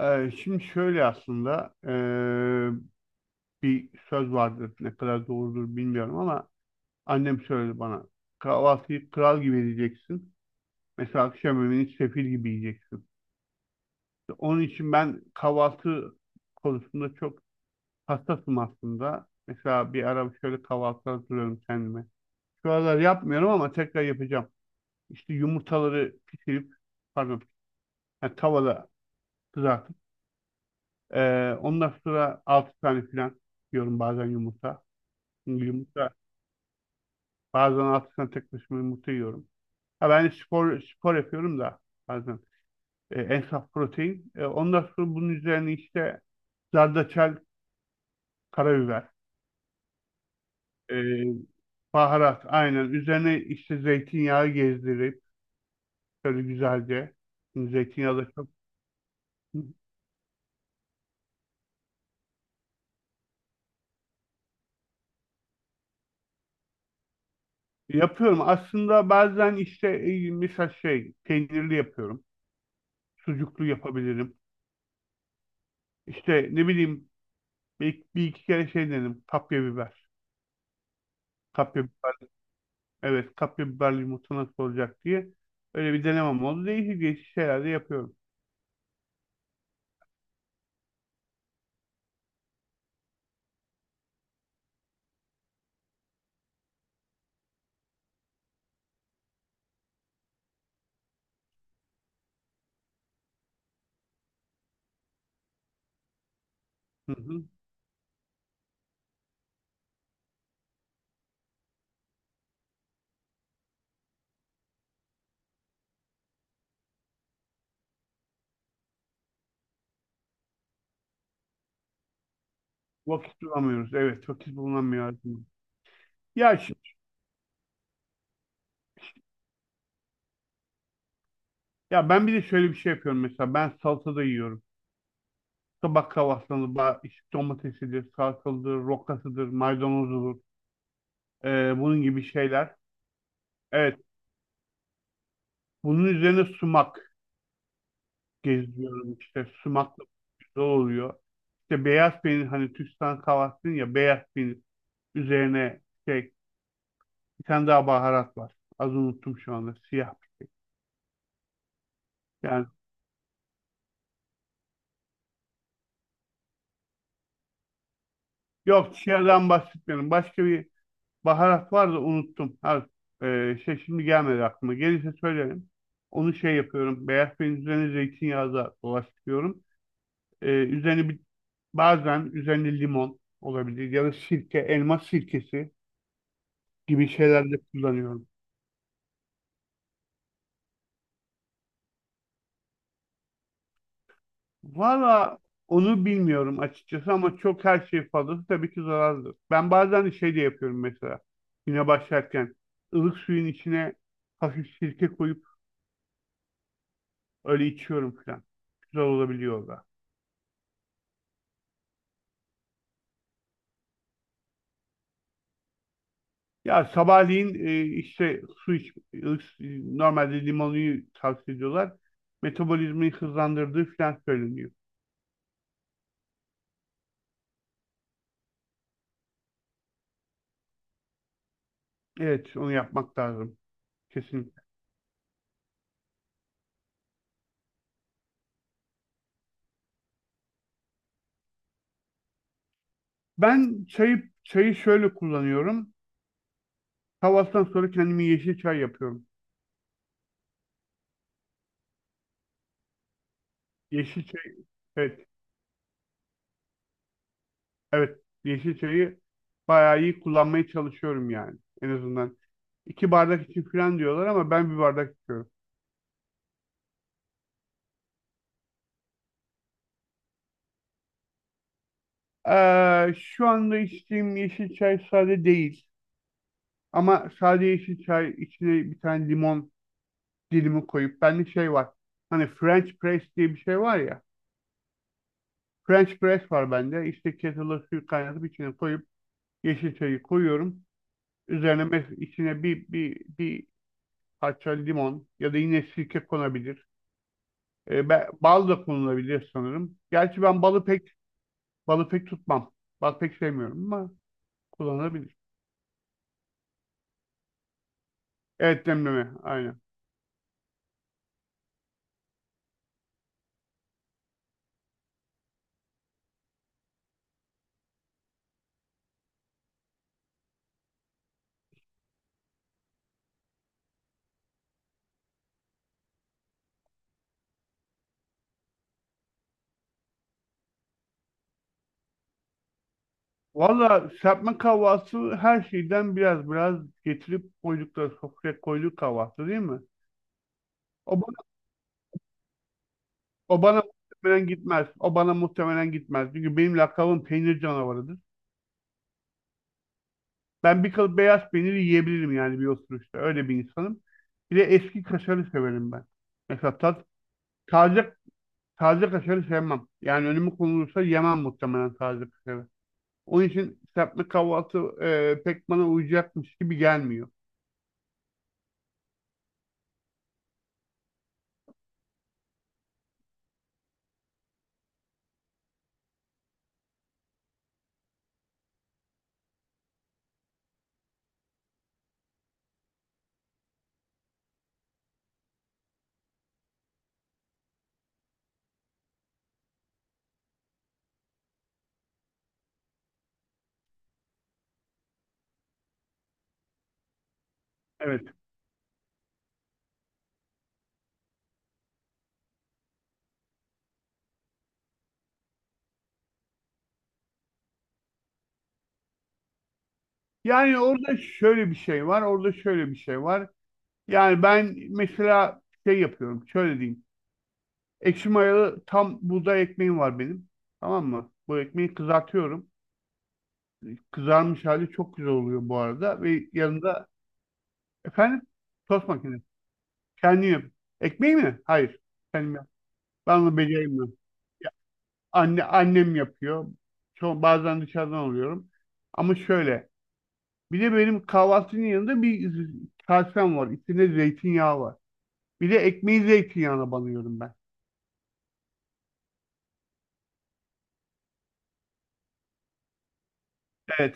Şimdi şöyle aslında bir söz vardır ne kadar doğrudur bilmiyorum ama annem söyledi bana kahvaltıyı kral gibi edeceksin mesela akşam yemeğini sefil gibi yiyeceksin. Onun için ben kahvaltı konusunda çok hassasım aslında. Mesela bir ara şöyle kahvaltı hazırlıyorum kendime. Şu aralar yapmıyorum ama tekrar yapacağım. İşte yumurtaları pişirip pardon yani tavada kızartıp ondan sonra 6 tane falan yiyorum bazen yumurta. Yumurta. Bazen altı tane tek başıma yumurta yiyorum. Ha, ben spor spor yapıyorum da bazen. En saf protein. Ondan sonra bunun üzerine işte zerdeçal, karabiber, e, baharat aynen. Üzerine işte zeytinyağı gezdirip şöyle güzelce. Şimdi zeytinyağı da çok yapıyorum. Aslında bazen işte mesela şey peynirli yapıyorum. Sucuklu yapabilirim. İşte ne bileyim bir iki kere şey dedim. Kapya biber. Kapya biber. Evet, kapya biberli yumurta nasıl olacak diye öyle bir denemem oldu. Değişik değişik şeyler de yapıyorum. Hı hı. Vakit bulamıyoruz. Evet, vakit bulunamıyor, aslında. Ya şimdi, ya ben bir de şöyle bir şey yapıyorum mesela. Ben salata da yiyorum. Sabah kahvaltısında işte domatesidir, salatalıdır, rokasıdır, maydanozudur. Bunun gibi şeyler. Evet, bunun üzerine sumak gezdiriyorum işte. Sumakla güzel oluyor. İşte beyaz peynir hani Türkistan kahvaltısının ya beyaz peynir üzerine şey. Bir tane daha baharat var. Az unuttum şu anda. Siyah. Yani yok siyahdan bahsetmiyorum. Başka bir baharat var da unuttum. Ha, şey şimdi gelmedi aklıma. Gelirse söylerim. Onu şey yapıyorum. Beyaz peynirin üzerine zeytinyağı da dolaştırıyorum. Üzerine bazen üzerine limon olabilir ya da sirke, elma sirkesi gibi şeyler de kullanıyorum. Valla onu bilmiyorum açıkçası ama çok her şey fazlası tabii ki zararlıdır. Ben bazen şey de yapıyorum mesela güne başlarken ılık suyun içine hafif sirke koyup öyle içiyorum falan. Güzel olabiliyor o da. Ya sabahleyin işte su iç, ılık, normalde limonluyu tavsiye ediyorlar. Metabolizmayı hızlandırdığı falan söyleniyor. Evet onu yapmak lazım kesinlikle. Ben çayı şöyle kullanıyorum. Kahvaltıdan sonra kendime yeşil çay yapıyorum. Yeşilçay. Evet, evet. Yeşilçay'ı bayağı iyi kullanmaya çalışıyorum yani en azından. İki bardak için falan diyorlar ama ben bir bardak içiyorum. Şu anda içtiğim yeşil çay sade değil ama sade yeşil çay içine bir tane limon dilimi koyup bende şey var. Hani French press diye bir şey var ya. French press var bende. İşte kettle'a suyu kaynatıp içine koyup yeşil çayı koyuyorum. Üzerine içine bir parça limon ya da yine sirke konabilir. Bal da kullanılabilir sanırım. Gerçi ben balı pek tutmam. Bal pek sevmiyorum ama kullanılabilir. Evet demleme aynen. Valla serpme kahvaltısı her şeyden biraz biraz getirip koydukları sofraya koyduk kahvaltı değil mi? O bana, o bana muhtemelen gitmez. O bana muhtemelen gitmez. Çünkü benim lakabım peynir canavarıdır. Ben bir kalıp beyaz peyniri yiyebilirim yani bir oturuşta. Öyle bir insanım. Bir de eski kaşarı severim ben. Mesela tat, taze Taze kaşarı sevmem. Yani önüme konulursa yemem muhtemelen taze kaşarı. Onun için serpme kahvaltı pek bana uyacakmış gibi gelmiyor. Evet. Yani orada şöyle bir şey var, orada şöyle bir şey var. Yani ben mesela şey yapıyorum, şöyle diyeyim. Ekşi mayalı tam buğday ekmeğim var benim. Tamam mı? Bu ekmeği kızartıyorum. Kızarmış hali çok güzel oluyor bu arada. Ve yanında, efendim, tost makinesi. Kendim yap. Ekmeği mi? Hayır. Kendim yap. Ben onu beceremiyorum. Annem yapıyor. Bazen dışarıdan alıyorum. Ama şöyle. Bir de benim kahvaltının yanında bir kasem var. İçinde zeytinyağı var. Bir de ekmeği zeytinyağına banıyorum ben. Evet.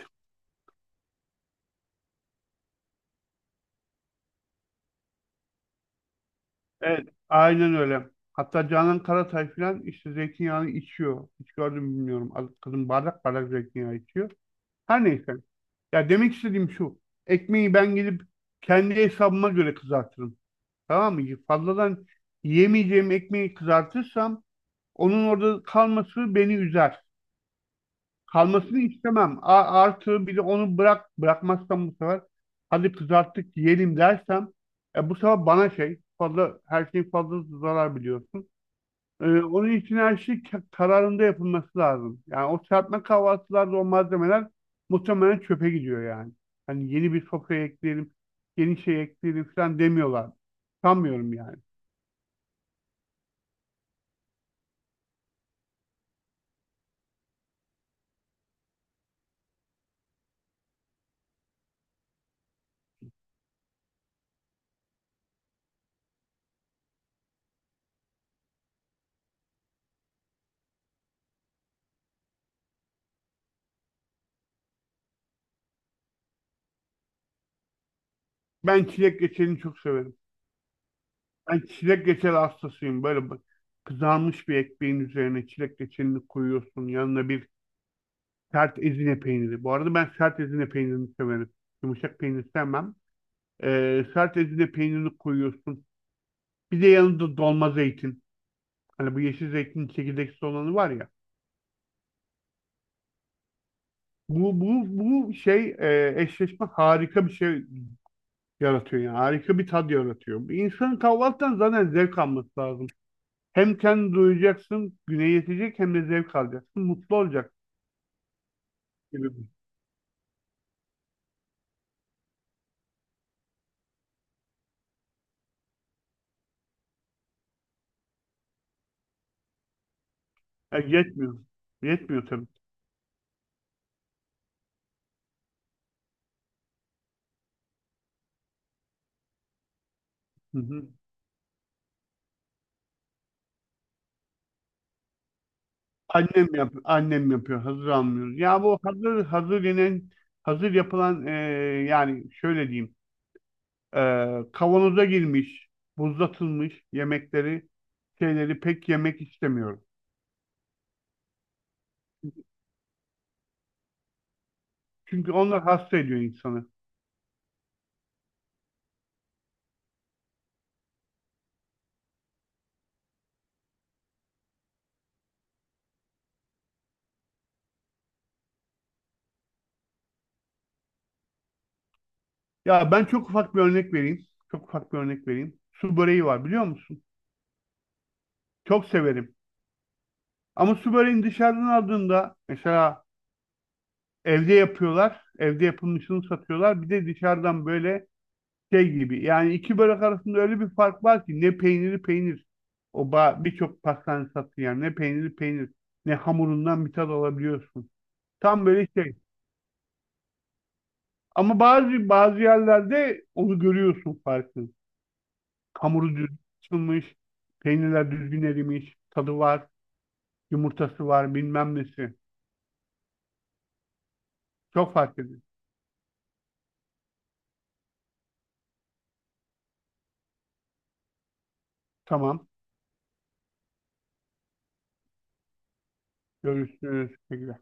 Evet. Aynen öyle. Hatta Canan Karatay falan işte zeytinyağını içiyor. Hiç gördüm mü bilmiyorum. Kadın bardak bardak zeytinyağı içiyor. Her neyse. Ya demek istediğim şu. Ekmeği ben gidip kendi hesabıma göre kızartırım. Tamam mı? Fazladan yemeyeceğim ekmeği kızartırsam, onun orada kalması beni üzer. Kalmasını istemem. Artı bir de onu bırakmazsam bu sefer hadi kızarttık yiyelim dersem bu sefer bana şey fazla her şey fazla zarar biliyorsun. Onun için her şey kararında yapılması lazım. Yani o serpme kahvaltılarda o malzemeler muhtemelen çöpe gidiyor yani. Hani yeni bir sofra ekleyelim, yeni şey ekleyelim falan demiyorlar. Sanmıyorum yani. Ben çilek reçelini çok severim. Ben çilek reçeli hastasıyım. Böyle kızarmış bir ekmeğin üzerine çilek reçelini koyuyorsun. Yanına bir sert ezine peyniri. Bu arada ben sert ezine peynirini severim. Yumuşak peynir sevmem. Sert ezine peynirini koyuyorsun. Bir de yanında dolma zeytin. Hani bu yeşil zeytin çekirdeksiz olanı var ya. Bu şey eşleşme harika bir şey yaratıyor yani. Harika bir tad yaratıyor. Bir insanın kahvaltıdan zaten zevk alması lazım. Hem kendi duyacaksın, güne yetecek hem de zevk alacaksın. Mutlu olacaksın gibi. Ya yetmiyor. Yetmiyor tabii. Hı hı. Annem yapıyor. Hazır almıyoruz. Ya bu hazır yapılan yani şöyle diyeyim. e, Kavanoza girmiş, buzlatılmış yemekleri, şeyleri pek yemek istemiyorum. Çünkü onlar hasta ediyor insanı. Ya ben çok ufak bir örnek vereyim. Çok ufak bir örnek vereyim. Su böreği var biliyor musun? Çok severim. Ama su böreğini dışarıdan aldığında mesela evde yapıyorlar. Evde yapılmışını satıyorlar. Bir de dışarıdan böyle şey gibi. Yani iki börek arasında öyle bir fark var ki ne peyniri peynir. Birçok pastane sattığı yer ne peyniri peynir ne hamurundan bir tad alabiliyorsun. Tam böyle şey. Ama bazı bazı yerlerde onu görüyorsun farkını. Hamuru düzgün açılmış, peynirler düzgün erimiş, tadı var, yumurtası var, bilmem nesi. Çok fark ediyor. Tamam. Görüşürüz. Teşekkürler.